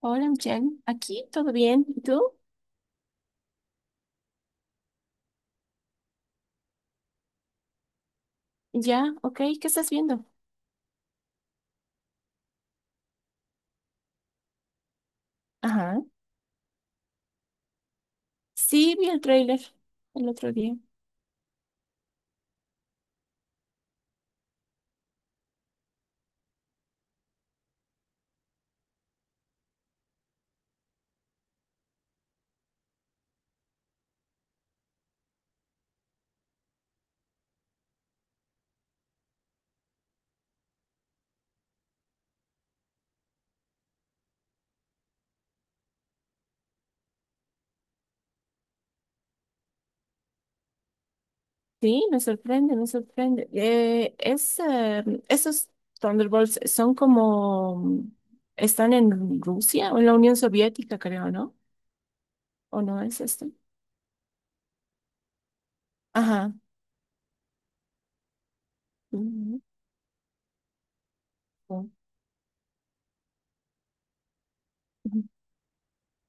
Hola, Michelle. Aquí, ¿todo bien? ¿Y tú? Ya, ok. ¿Qué estás viendo? Ajá. Sí, vi el tráiler el otro día. Sí, me sorprende, me sorprende. Esos Thunderbolts son como, mm, están en Rusia o en la Unión Soviética, creo, ¿no? ¿O no es esto? Ajá. Mm, no.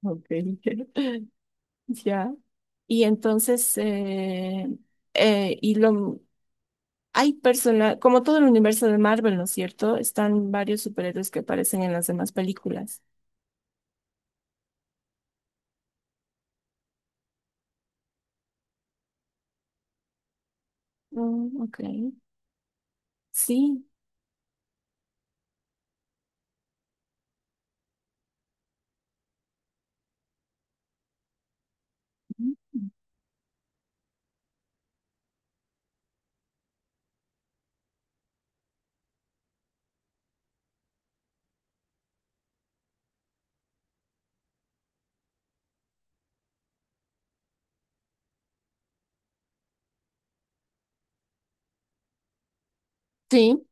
Ok. Ya. Y entonces, eh, eh, y lo, Hay personas, como todo el universo de Marvel, ¿no es cierto? Están varios superhéroes que aparecen en las demás películas. Mm, ok. Sí, mm, sí.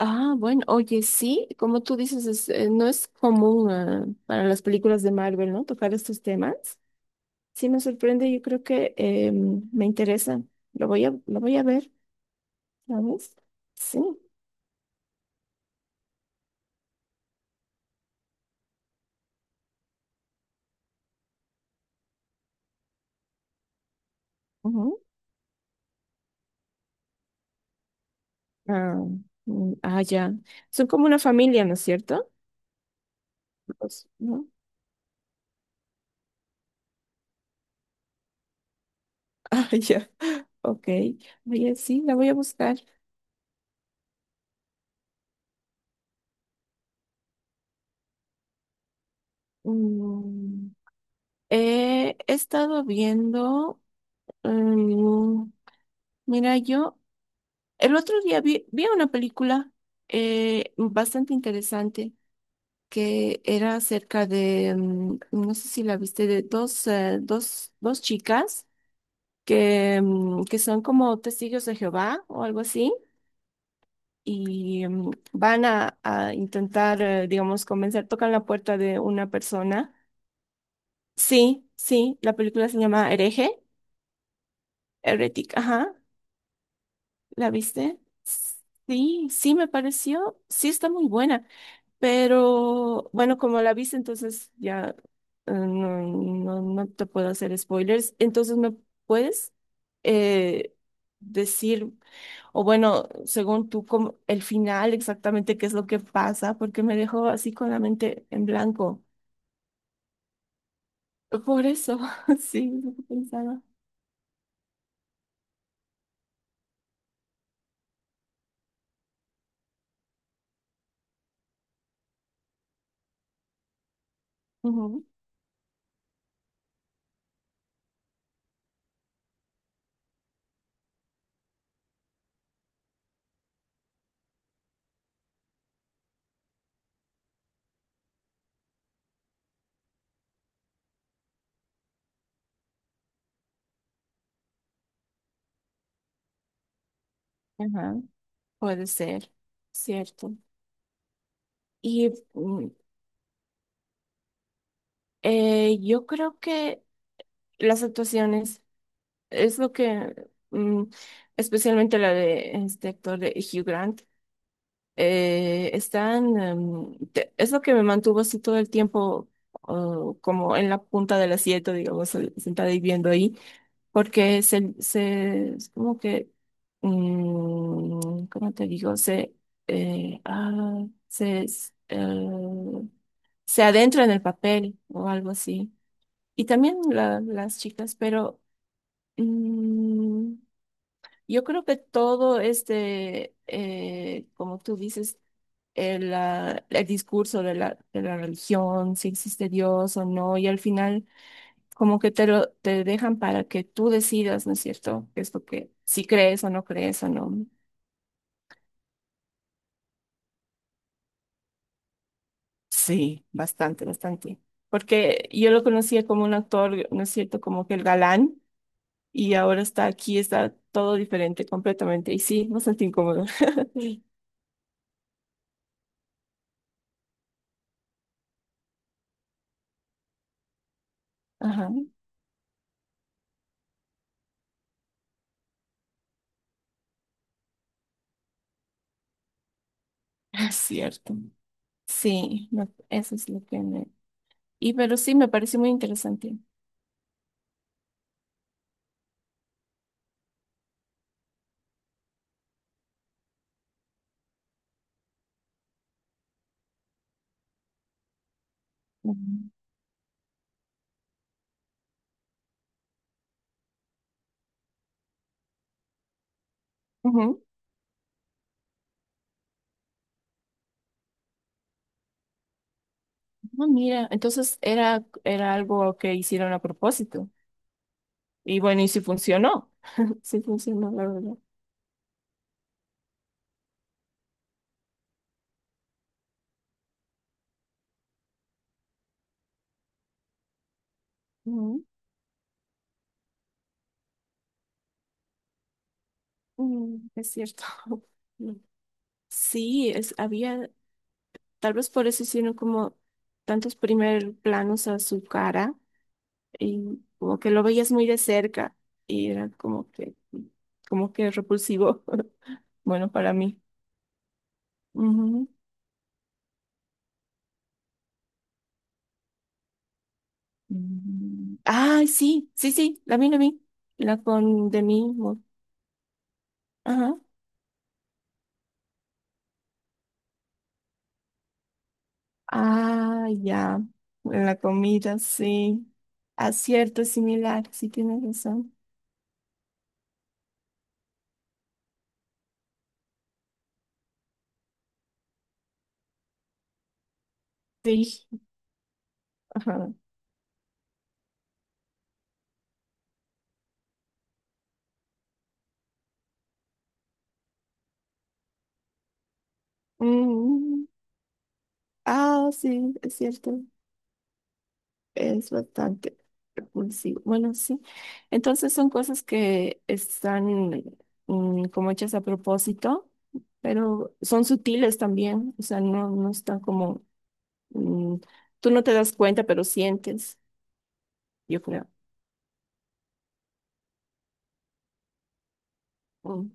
Ah, bueno, oye, sí, como tú dices, no es común, para las películas de Marvel, ¿no? Tocar estos temas. Sí, me sorprende, yo creo que me interesa. Lo voy a ver, ¿sabes? Sí. Ujú. Ah, mm, ah, ya. Son como una familia, ¿no es cierto? ¿No? Ah, ya. Ok. Oye, sí, la voy a buscar. Mm, he estado viendo. Mm, mira, yo el otro día vi una película bastante interesante que era acerca de, mm, no sé si la viste, de dos chicas que, mm, que son como testigos de Jehová o algo así. Y mm, a intentar, digamos, convencer, tocan la puerta de una persona. Sí, sí, la película se llama Hereje, Heretic, ajá, ¿la viste? Sí, sí, me pareció, sí, está muy buena. Pero bueno, como la viste, entonces ya no te puedo hacer spoilers. Entonces, ¿me puedes eh, decir, o bueno, según tú, cómo- el final exactamente qué es lo que pasa? Porque me dejó así con la mente en blanco. Por eso, sí, es lo que pensaba. Ujú. Ajá. Puede ser, cierto. Y mm, yo creo que las actuaciones. Es lo que, mm, especialmente la de este actor de Hugh Grant, es lo que me mantuvo así todo el tiempo, oh, como en la punta del asiento, digamos, sentada y viendo ahí, porque es como que, mm, ¿cómo te digo? Se, ah, se, s- se adentra en el papel o algo así. Y también las chicas, pero... mm, yo creo que todo este, como tú dices, el discurso de de la religión, si existe Dios o no, y al final como que te dejan para que tú decidas, ¿no es cierto? Que es lo que, si crees o no crees o no. Sí, bastante, bastante. Porque yo lo conocía como un actor, ¿no es cierto? Como que el galán, y ahora está aquí, está todo diferente completamente, y sí, bastante incómodo. Ajá, es cierto. Sí, eso es lo que me... Y pero sí, me parece muy interesante. Ujú. Ujú. Ah, mira, entonces era algo que hicieron a propósito. Y bueno, y sí funcionó. Sí funcionó, la verdad. Ujú. Mm, es cierto. Mm. Había, tal vez por eso hicieron como tantos primer planos a su cara y como que lo veías muy de cerca y era como que repulsivo, bueno, para mí. Mm. Ay, sí, sí, sí, la vi. La con de mí. Ajá. Ah, ya. La comida, sí. Acierto es similar, sí tienes razón. Sí. Ajá. Mm. Ah, sí, es cierto. Es bastante repulsivo. Bueno, sí. Entonces son cosas que están mm, como hechas a propósito, pero son sutiles también. O sea, no están como mm, tú no te das cuenta, pero sientes, yo creo. Mm,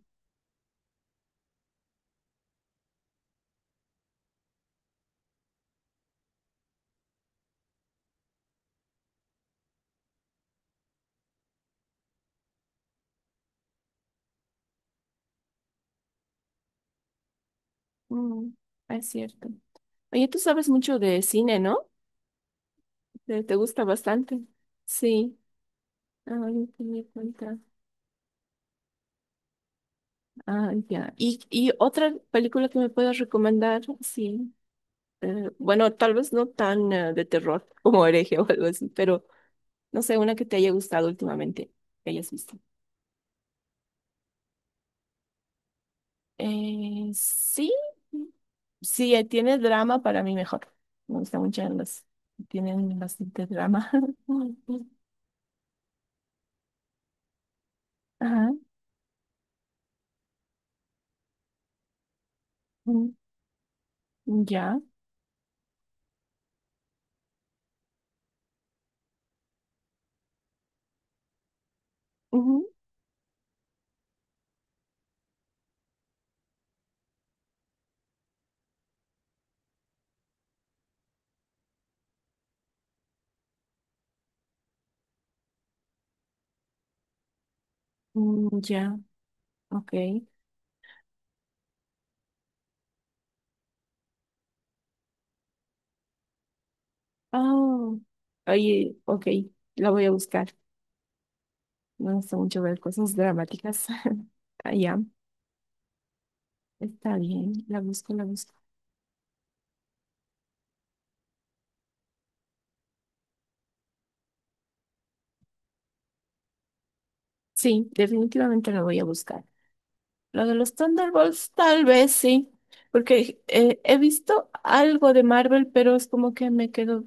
mm, es cierto. Oye, tú sabes mucho de cine, ¿no? Te gusta bastante. Sí. Ah, no tenía cuenta. Ah, ya. Y otra película que me puedas recomendar? Sí. Bueno, tal vez no tan de terror como Hereje o algo así, pero no sé, una que te haya gustado últimamente, que hayas visto. Sí. Sí, tiene drama para mí mejor. Me gustan mucho las que tienen bastante drama. Ajá. Mm, ya. Ujú, mm, ya. Ok. Oh. Oye, ok. La voy a buscar. Me gusta mucho ver cosas dramáticas. Ah, ya. Está bien. La busco. Sí, definitivamente la voy a buscar. Lo de los Thunderbolts, tal vez sí. Porque he visto algo de Marvel, pero es como que me quedo.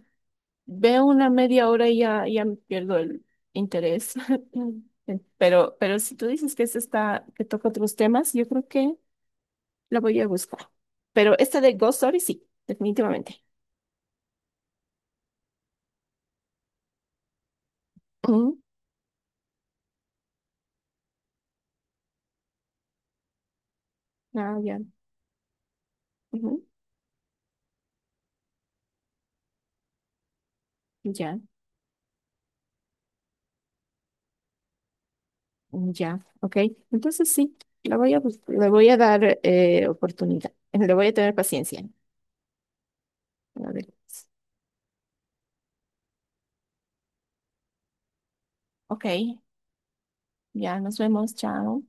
Veo una media hora y ya, ya me pierdo el interés. Pero si tú dices que esta está, que toca otros temas, yo creo que la voy a buscar. Pero esta de Ghost Story, sí, definitivamente. Ujú. Ah, ya. Ujú. Ya, ya. Ok. Entonces sí, la voy a, bus- le voy a dar oportunidad. Le voy a tener paciencia. A ver. Ok. Ya, nos vemos. Chao.